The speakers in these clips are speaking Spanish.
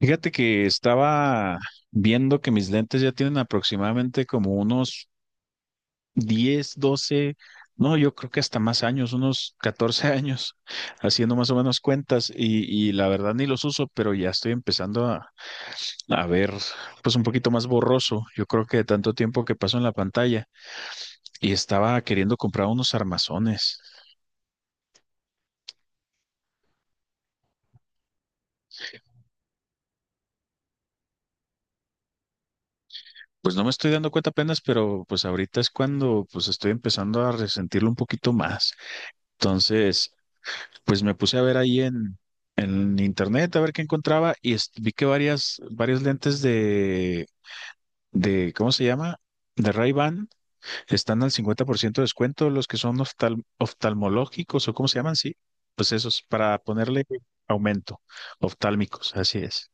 Fíjate que estaba viendo que mis lentes ya tienen aproximadamente como unos 10, 12, no, yo creo que hasta más años, unos 14 años, haciendo más o menos cuentas y la verdad ni los uso, pero ya estoy empezando a ver pues un poquito más borroso. Yo creo que de tanto tiempo que paso en la pantalla y estaba queriendo comprar unos armazones. Pues no me estoy dando cuenta apenas, pero pues ahorita es cuando pues estoy empezando a resentirlo un poquito más. Entonces, pues me puse a ver ahí en internet a ver qué encontraba y vi que varias lentes de, ¿cómo se llama? De Ray-Ban están al 50% de descuento, los que son oftalmológicos o ¿cómo se llaman? Sí, pues esos, para ponerle aumento, oftálmicos, así es.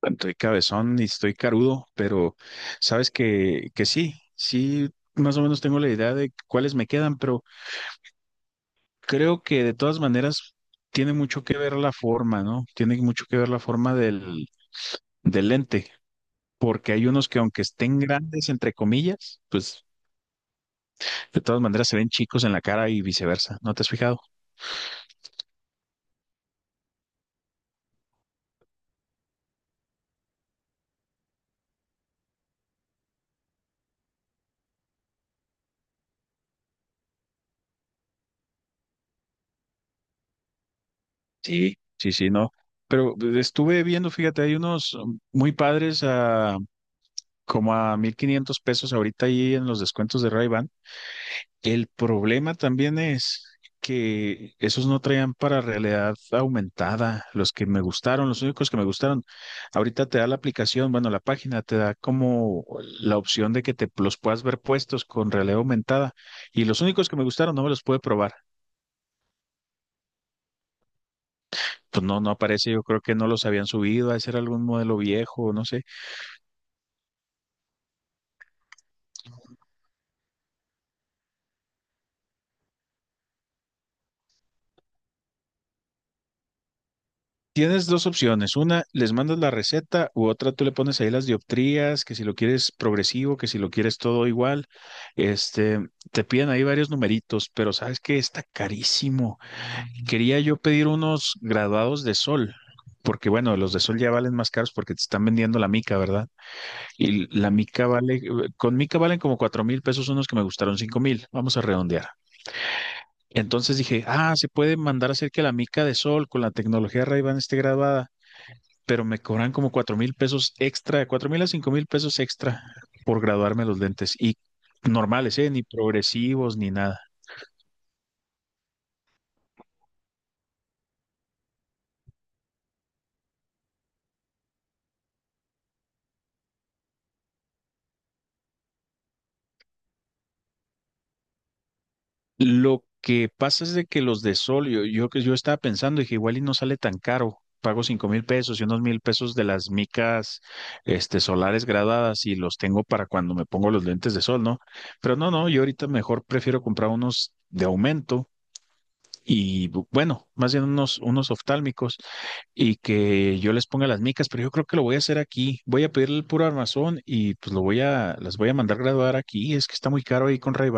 Bueno, estoy cabezón y estoy carudo, pero sabes que sí, sí, más o menos tengo la idea de cuáles me quedan, pero creo que de todas maneras tiene mucho que ver la forma, ¿no? Tiene mucho que ver la forma del lente, porque hay unos que aunque estén grandes, entre comillas, pues de todas maneras se ven chicos en la cara y viceversa. ¿No te has fijado? Sí. Sí, sí, no. Pero estuve viendo, fíjate, hay unos muy padres a como a 1,500 pesos ahorita ahí en los descuentos de ray. El problema también es que esos no traían para realidad aumentada, los que me gustaron, los únicos que me gustaron. Ahorita te da la aplicación, bueno, la página te da como la opción de que te los puedas ver puestos con realidad aumentada y los únicos que me gustaron no me los pude probar. Pues no, no aparece, yo creo que no los habían subido, a ser algún modelo viejo, no sé. Tienes dos opciones. Una, les mandas la receta u otra, tú le pones ahí las dioptrías, que si lo quieres progresivo, que si lo quieres todo igual. Este, te piden ahí varios numeritos, pero sabes que está carísimo. Quería yo pedir unos graduados de sol, porque bueno, los de sol ya valen más caros porque te están vendiendo la mica, ¿verdad? Y la mica vale, con mica valen como 4,000 pesos unos que me gustaron 5,000. Vamos a redondear. Entonces dije, ah, se puede mandar a hacer que la mica de sol con la tecnología Ray-Ban esté graduada, pero me cobran como 4,000 pesos extra, de 4,000 a 5,000 pesos extra por graduarme los lentes y normales, ¿eh?, ni progresivos ni nada. Lo que pasa es de que los de sol, que yo estaba pensando, dije, igual y no sale tan caro, pago 5,000 pesos y unos 1,000 pesos de las micas, este, solares graduadas y los tengo para cuando me pongo los lentes de sol, ¿no? Pero no, no, yo ahorita mejor prefiero comprar unos de aumento y bueno, más bien unos oftálmicos y que yo les ponga las micas, pero yo creo que lo voy a hacer aquí. Voy a pedirle el puro armazón y pues lo voy a, las voy a mandar graduar aquí. Es que está muy caro ahí con ray.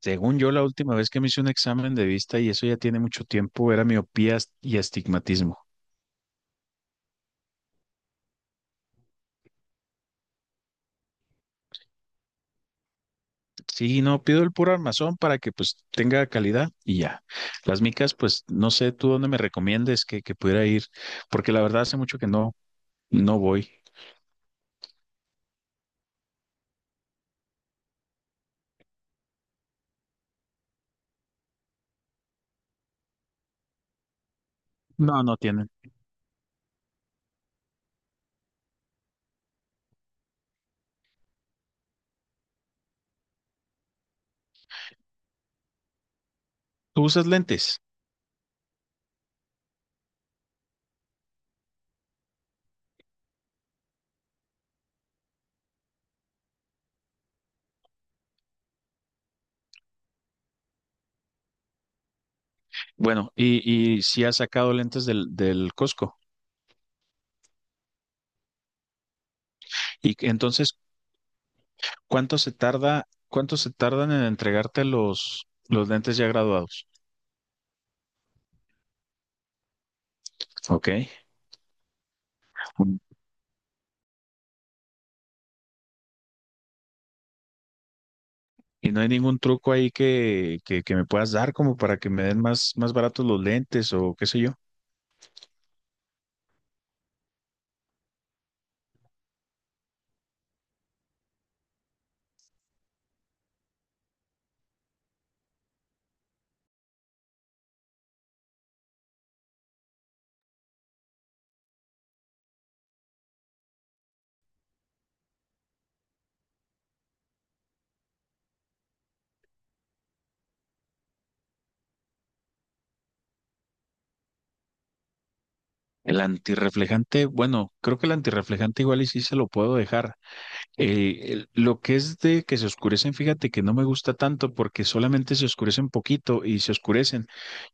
Según yo, la última vez que me hice un examen de vista, y eso ya tiene mucho tiempo, era miopía y astigmatismo. Sí, no, pido el puro armazón para que pues tenga calidad y ya. Las micas, pues no sé tú dónde me recomiendes que pudiera ir, porque la verdad hace mucho que no voy. No, no tienen. ¿Tú usas lentes? Bueno, y si has sacado lentes del Costco. Y que- entonces, cuánto se tardan en entregarte los lentes ya graduados? Ok. Y no hay ningún truco ahí que me puedas dar como para que me den más baratos los lentes o qué sé yo. El antirreflejante, bueno, creo que el antirreflejante igual y sí se lo puedo dejar. Lo que es de que se oscurecen, fíjate que no me gusta tanto porque solamente se oscurecen poquito y se oscurecen.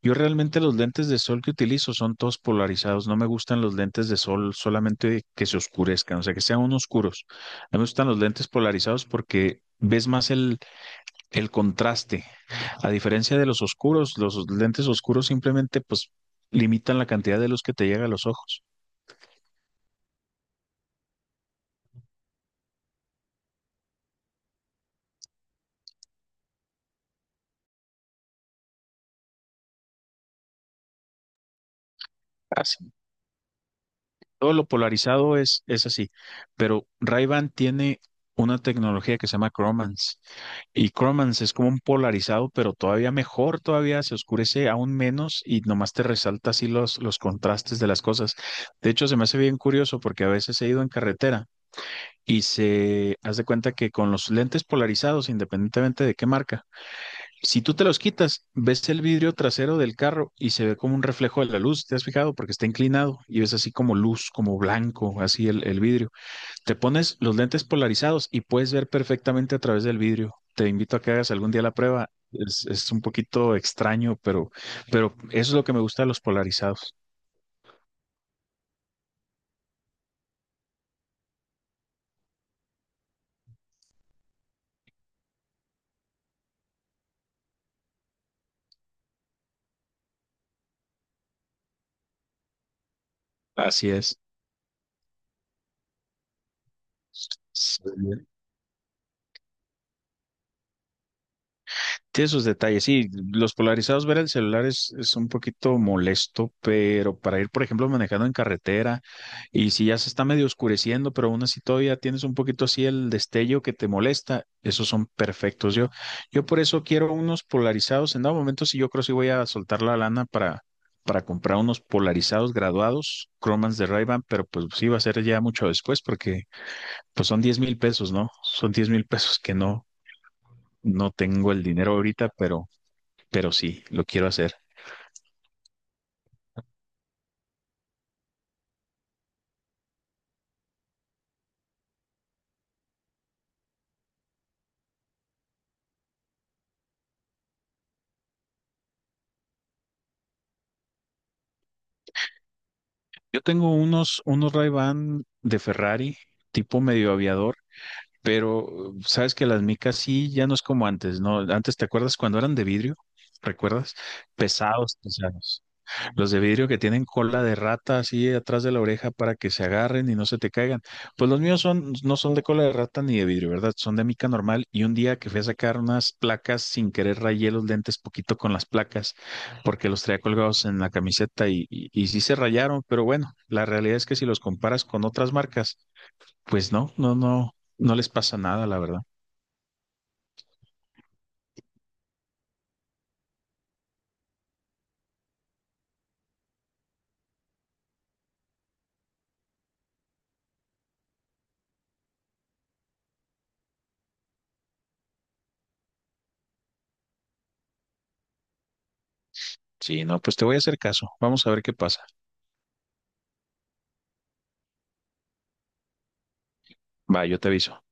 Yo realmente los lentes de sol que utilizo son todos polarizados. No me gustan los lentes de sol solamente que se oscurezcan, o sea, que sean unos oscuros. A mí me gustan los lentes polarizados porque ves más el contraste. A diferencia de los oscuros, los lentes oscuros simplemente pues limitan la cantidad de luz que te llega a los ojos. Todo lo polarizado es así, pero Ray-Ban tiene una tecnología que se llama Cromance y Cromance es como un polarizado, pero todavía mejor, todavía se oscurece aún menos y nomás te resalta así los contrastes de las cosas. De hecho, se me hace bien curioso porque a veces he ido en carretera y se hace cuenta que con los lentes polarizados, independientemente de qué marca, si tú te los quitas, ves el vidrio trasero del carro y se ve como un reflejo de la luz, ¿te has fijado? Porque está inclinado y ves así como luz, como blanco, así el vidrio. Te pones los lentes polarizados y puedes ver perfectamente a través del vidrio. Te invito a que hagas algún día la prueba. Es un poquito extraño, pero eso es lo que me gusta de los polarizados. Así es. Sí, esos detalles, sí, los polarizados, ver el celular es un poquito molesto, pero para ir, por ejemplo, manejando en carretera y si ya se está medio oscureciendo, pero aún así todavía tienes un poquito así el destello que te molesta, esos son perfectos. Yo por eso quiero unos polarizados. En dado momento, sí, yo creo que sí voy a soltar la lana para comprar unos polarizados graduados, cromans de ray pero pues sí va a ser ya mucho después porque pues son 10,000 pesos, ¿no? Son 10,000 pesos que no tengo el dinero ahorita, pero sí, lo quiero hacer. Yo tengo unos Ray-Ban de Ferrari, tipo medio aviador, pero sabes que las micas sí ya no es como antes, ¿no? Antes, ¿te acuerdas cuando eran de vidrio? ¿Recuerdas? Pesados, pesados. Los de vidrio que tienen cola de rata así atrás de la oreja para que se agarren y no se te caigan. Pues los míos son, no son de cola de rata ni de vidrio, ¿verdad? Son de mica normal. Y un día que fui a sacar unas placas, sin querer rayé los lentes poquito con las placas, porque los traía colgados en la camiseta y sí se rayaron. Pero bueno, la realidad es que si los comparas con otras marcas, pues no les pasa nada, la verdad. Sí, no, pues te voy a hacer caso. Vamos a ver qué pasa. Va, yo te aviso.